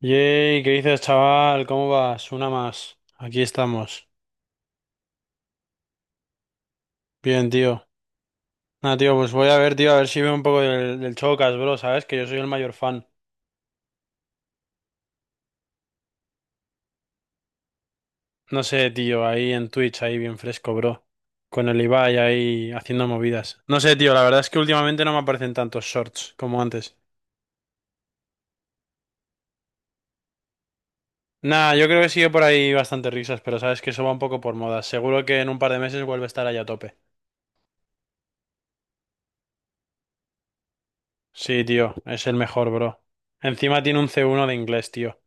Yay, ¿qué dices, chaval? ¿Cómo vas? Una más. Aquí estamos. Bien, tío. Nada, tío, pues voy a ver, tío, a ver si veo un poco del Chocas, bro, ¿sabes? Que yo soy el mayor fan. No sé, tío, ahí en Twitch, ahí bien fresco, bro. Con el Ibai ahí haciendo movidas. No sé, tío, la verdad es que últimamente no me aparecen tantos shorts como antes. Nah, yo creo que sigue por ahí bastante risas, pero sabes que eso va un poco por moda. Seguro que en un par de meses vuelve a estar ahí a tope. Sí, tío, es el mejor, bro. Encima tiene un C1 de inglés, tío.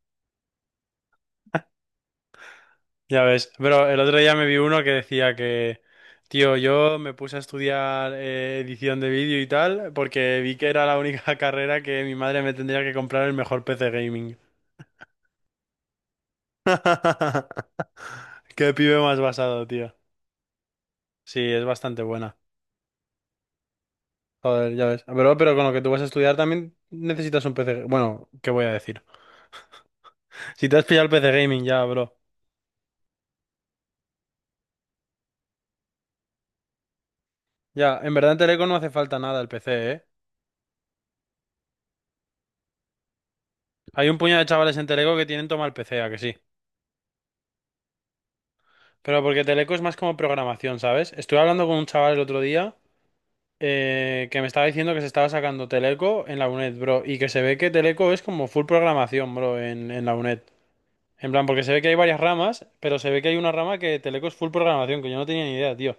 Ya ves, pero el otro día me vi uno que decía que, tío, yo me puse a estudiar edición de vídeo y tal, porque vi que era la única carrera que mi madre me tendría que comprar el mejor PC gaming. Qué pibe más basado, tío. Sí, es bastante buena. Joder, ya ves. Pero con lo que tú vas a estudiar también necesitas un PC. Bueno, ¿qué voy a decir? Si te has pillado el PC gaming ya, bro. Ya, en verdad en Teleco no hace falta nada el PC, ¿eh? Hay un puñado de chavales en Teleco que tienen toma el PC, ¿a que sí? Pero porque Teleco es más como programación, ¿sabes? Estuve hablando con un chaval el otro día que me estaba diciendo que se estaba sacando Teleco en la UNED, bro, y que se ve que Teleco es como full programación, bro, en la UNED. En plan, porque se ve que hay varias ramas, pero se ve que hay una rama que Teleco es full programación, que yo no tenía ni idea, tío.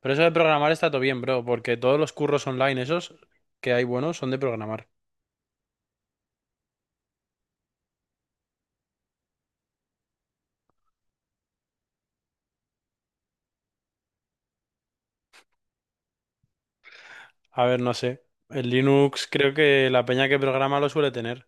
Pero eso de programar está todo bien, bro, porque todos los curros online esos que hay buenos son de programar. A ver, no sé. El Linux creo que la peña que programa lo suele tener.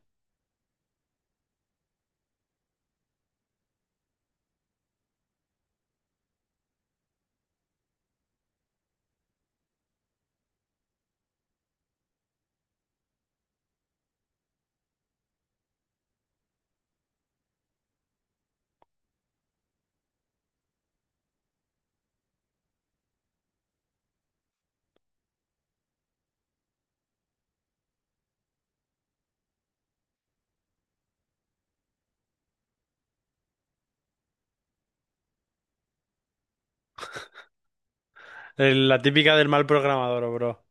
La típica del mal programador, bro.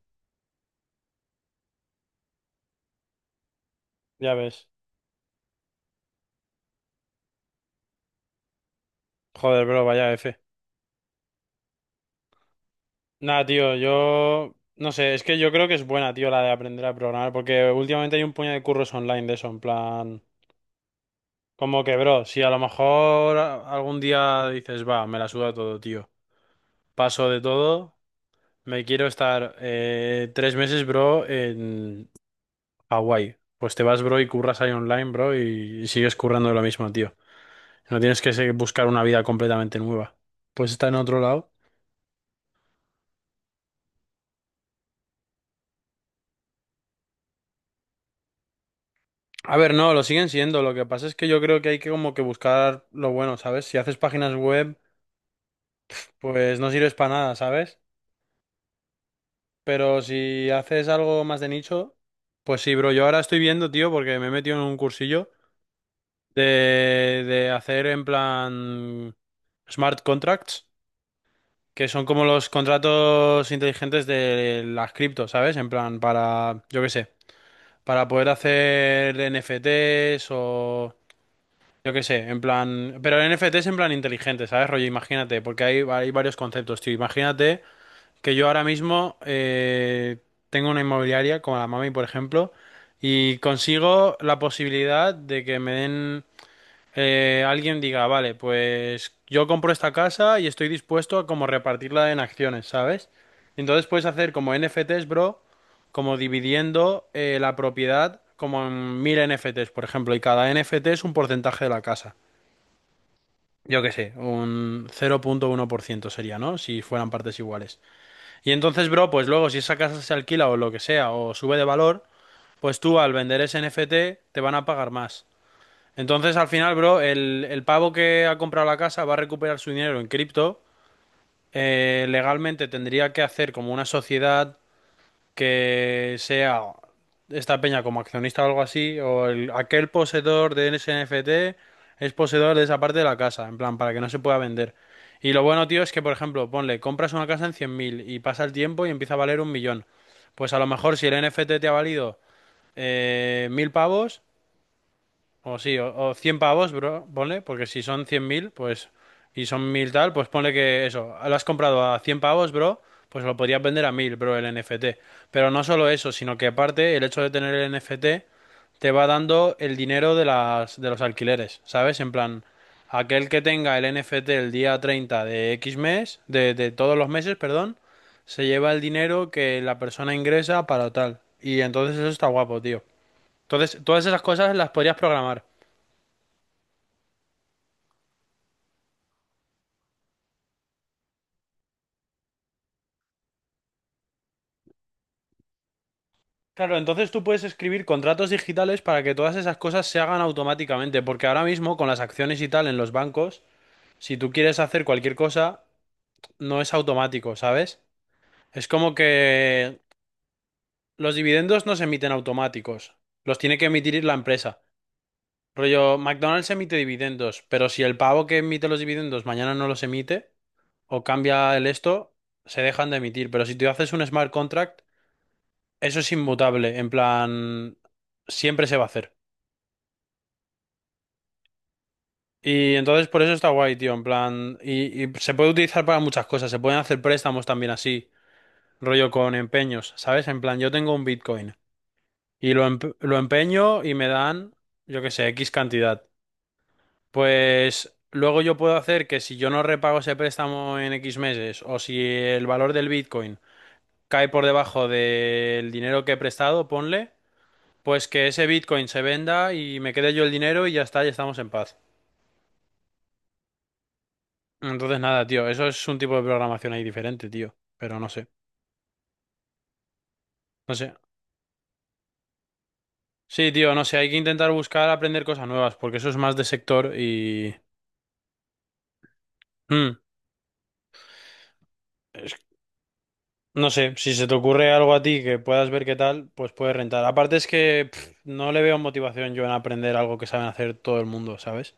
Ya ves. Joder, bro, vaya F. Nada, tío, yo no sé, es que yo creo que es buena, tío, la de aprender a programar, porque últimamente hay un puñado de curros online de eso, en plan, como que, bro, si a lo mejor algún día dices, va, me la suda todo, tío, paso de todo, me quiero estar 3 meses, bro, en Hawái, pues te vas, bro, y curras ahí online, bro, y sigues currando de lo mismo, tío. No tienes que buscar una vida completamente nueva. Pues está en otro lado. A ver, no, lo siguen siendo. Lo que pasa es que yo creo que hay que como que buscar lo bueno, ¿sabes? Si haces páginas web, pues no sirves para nada, ¿sabes? Pero si haces algo más de nicho, pues sí, bro. Yo ahora estoy viendo, tío, porque me he metido en un cursillo de hacer en plan smart contracts, que son como los contratos inteligentes de las cripto, ¿sabes? En plan para, yo qué sé, para poder hacer NFTs o yo qué sé, en plan. Pero el NFT es en plan inteligente, ¿sabes? Rollo, imagínate, porque hay varios conceptos, tío. Imagínate que yo ahora mismo tengo una inmobiliaria, como la Mami, por ejemplo, y consigo la posibilidad de que me den. Alguien diga, vale, pues yo compro esta casa y estoy dispuesto a como repartirla en acciones, ¿sabes? Entonces puedes hacer como NFTs, bro, como dividiendo la propiedad como en 1000 NFTs, por ejemplo, y cada NFT es un porcentaje de la casa. Yo qué sé, un 0.1% sería, ¿no? Si fueran partes iguales. Y entonces, bro, pues luego si esa casa se alquila o lo que sea, o sube de valor, pues tú al vender ese NFT te van a pagar más. Entonces, al final, bro, el pavo que ha comprado la casa va a recuperar su dinero en cripto. Legalmente tendría que hacer como una sociedad que sea esta peña como accionista o algo así, aquel poseedor de ese NFT es poseedor de esa parte de la casa, en plan, para que no se pueda vender. Y lo bueno, tío, es que, por ejemplo, ponle, compras una casa en 100 000 y pasa el tiempo y empieza a valer 1 000 000. Pues a lo mejor si el NFT te ha valido 1000 pavos, o sí, o 100 pavos, bro, ponle, porque si son 100 000 pues, y son 1000 tal, pues ponle que eso, lo has comprado a 100 pavos, bro, pues lo podrías vender a 1000 bro, el NFT. Pero no solo eso, sino que aparte el hecho de tener el NFT te va dando el dinero de las, de los alquileres, ¿sabes? En plan, aquel que tenga el NFT el día 30 de X mes, de todos los meses, perdón, se lleva el dinero que la persona ingresa para tal. Y entonces eso está guapo, tío. Entonces, todas esas cosas las podrías programar. Claro, entonces tú puedes escribir contratos digitales para que todas esas cosas se hagan automáticamente, porque ahora mismo con las acciones y tal en los bancos, si tú quieres hacer cualquier cosa, no es automático, ¿sabes? Es como que los dividendos no se emiten automáticos, los tiene que emitir la empresa. Rollo, McDonald's emite dividendos, pero si el pavo que emite los dividendos mañana no los emite o cambia el esto, se dejan de emitir. Pero si tú haces un smart contract, eso es inmutable, en plan, siempre se va a hacer. Y entonces por eso está guay, tío, en plan, y se puede utilizar para muchas cosas, se pueden hacer préstamos también así, rollo con empeños, ¿sabes? En plan, yo tengo un Bitcoin y lo, lo empeño y me dan, yo qué sé, X cantidad. Pues luego yo puedo hacer que si yo no repago ese préstamo en X meses o si el valor del Bitcoin cae por debajo del dinero que he prestado, ponle, pues que ese Bitcoin se venda y me quede yo el dinero y ya está, ya estamos en paz. Entonces nada, tío, eso es un tipo de programación ahí diferente, tío. Pero no sé. Sí, tío, no sé, hay que intentar buscar aprender cosas nuevas, porque eso es más de sector y... Mm, es- no sé, si se te ocurre algo a ti que puedas ver qué tal, pues puedes rentar. Aparte es que pff, no le veo motivación yo en aprender algo que saben hacer todo el mundo, ¿sabes?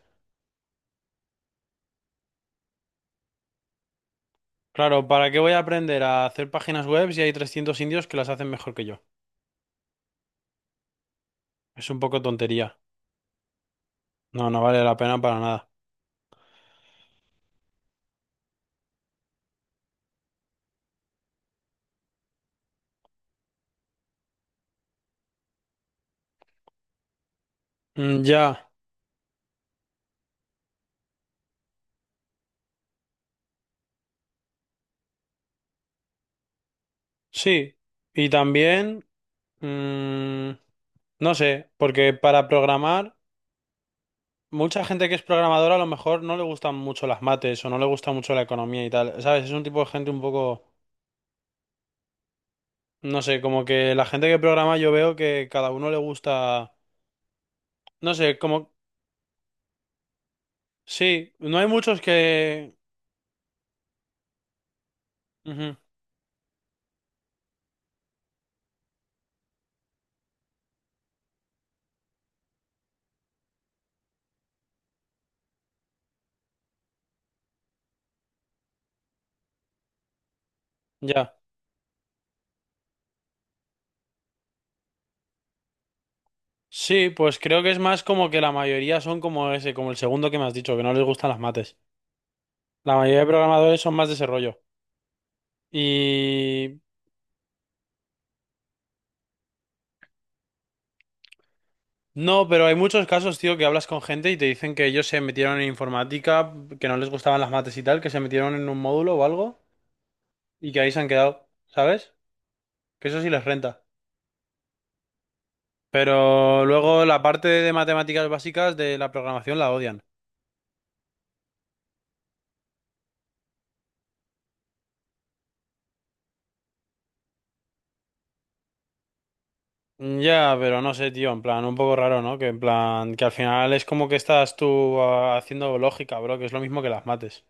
Claro, ¿para qué voy a aprender a hacer páginas web si hay 300 indios que las hacen mejor que yo? Es un poco tontería. No, no vale la pena para nada. Mm, ya, sí. Y también... Mm, no sé, porque para programar, mucha gente que es programadora a lo mejor no le gustan mucho las mates o no le gusta mucho la economía y tal, ¿sabes? Es un tipo de gente un poco, no sé, como que la gente que programa yo veo que cada uno le gusta, no sé, como, sí, no hay muchos que... Ujú, ya. Sí, pues creo que es más como que la mayoría son como ese, como el segundo que me has dicho, que no les gustan las mates. La mayoría de programadores son más de ese rollo. Y no, pero hay muchos casos, tío, que hablas con gente y te dicen que ellos se metieron en informática, que no les gustaban las mates y tal, que se metieron en un módulo o algo y que ahí se han quedado, ¿sabes? Que eso sí les renta. Pero luego la parte de matemáticas básicas de la programación la odian. Ya, pero no sé, tío, en plan, un poco raro, ¿no? Que en plan, que al final es como que estás tú haciendo lógica, bro, que es lo mismo que las mates.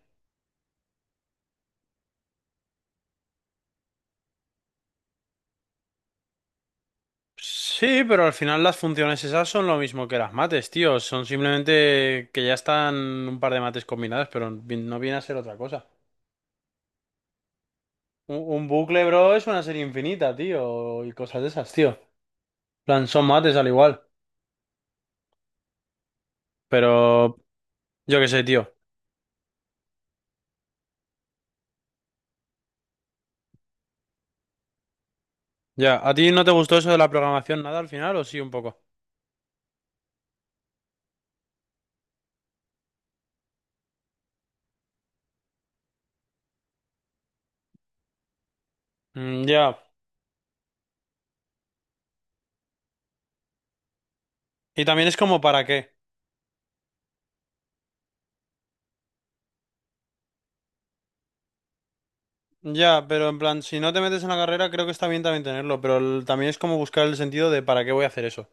Sí, pero al final las funciones esas son lo mismo que las mates, tío. Son simplemente que ya están un par de mates combinadas, pero no viene a ser otra cosa. Un bucle, bro, es una serie infinita, tío. Y cosas de esas, tío. En plan, son mates al igual. Pero yo qué sé, tío. Ya, ¿a ti no te gustó eso de la programación nada al final o sí un poco? Mm, ya. Y también es como para qué. Ya, pero en plan, si no te metes en la carrera, creo que está bien también tenerlo, pero también es como buscar el sentido de para qué voy a hacer eso.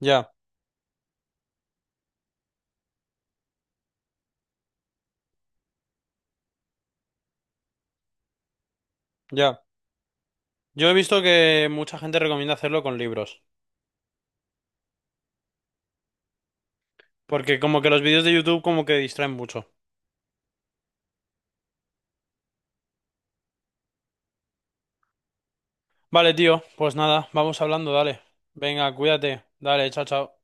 Ya. Ya. Yo he visto que mucha gente recomienda hacerlo con libros, porque como que los vídeos de YouTube como que distraen mucho. Vale, tío, pues nada, vamos hablando, dale. Venga, cuídate. Dale, chao, chao.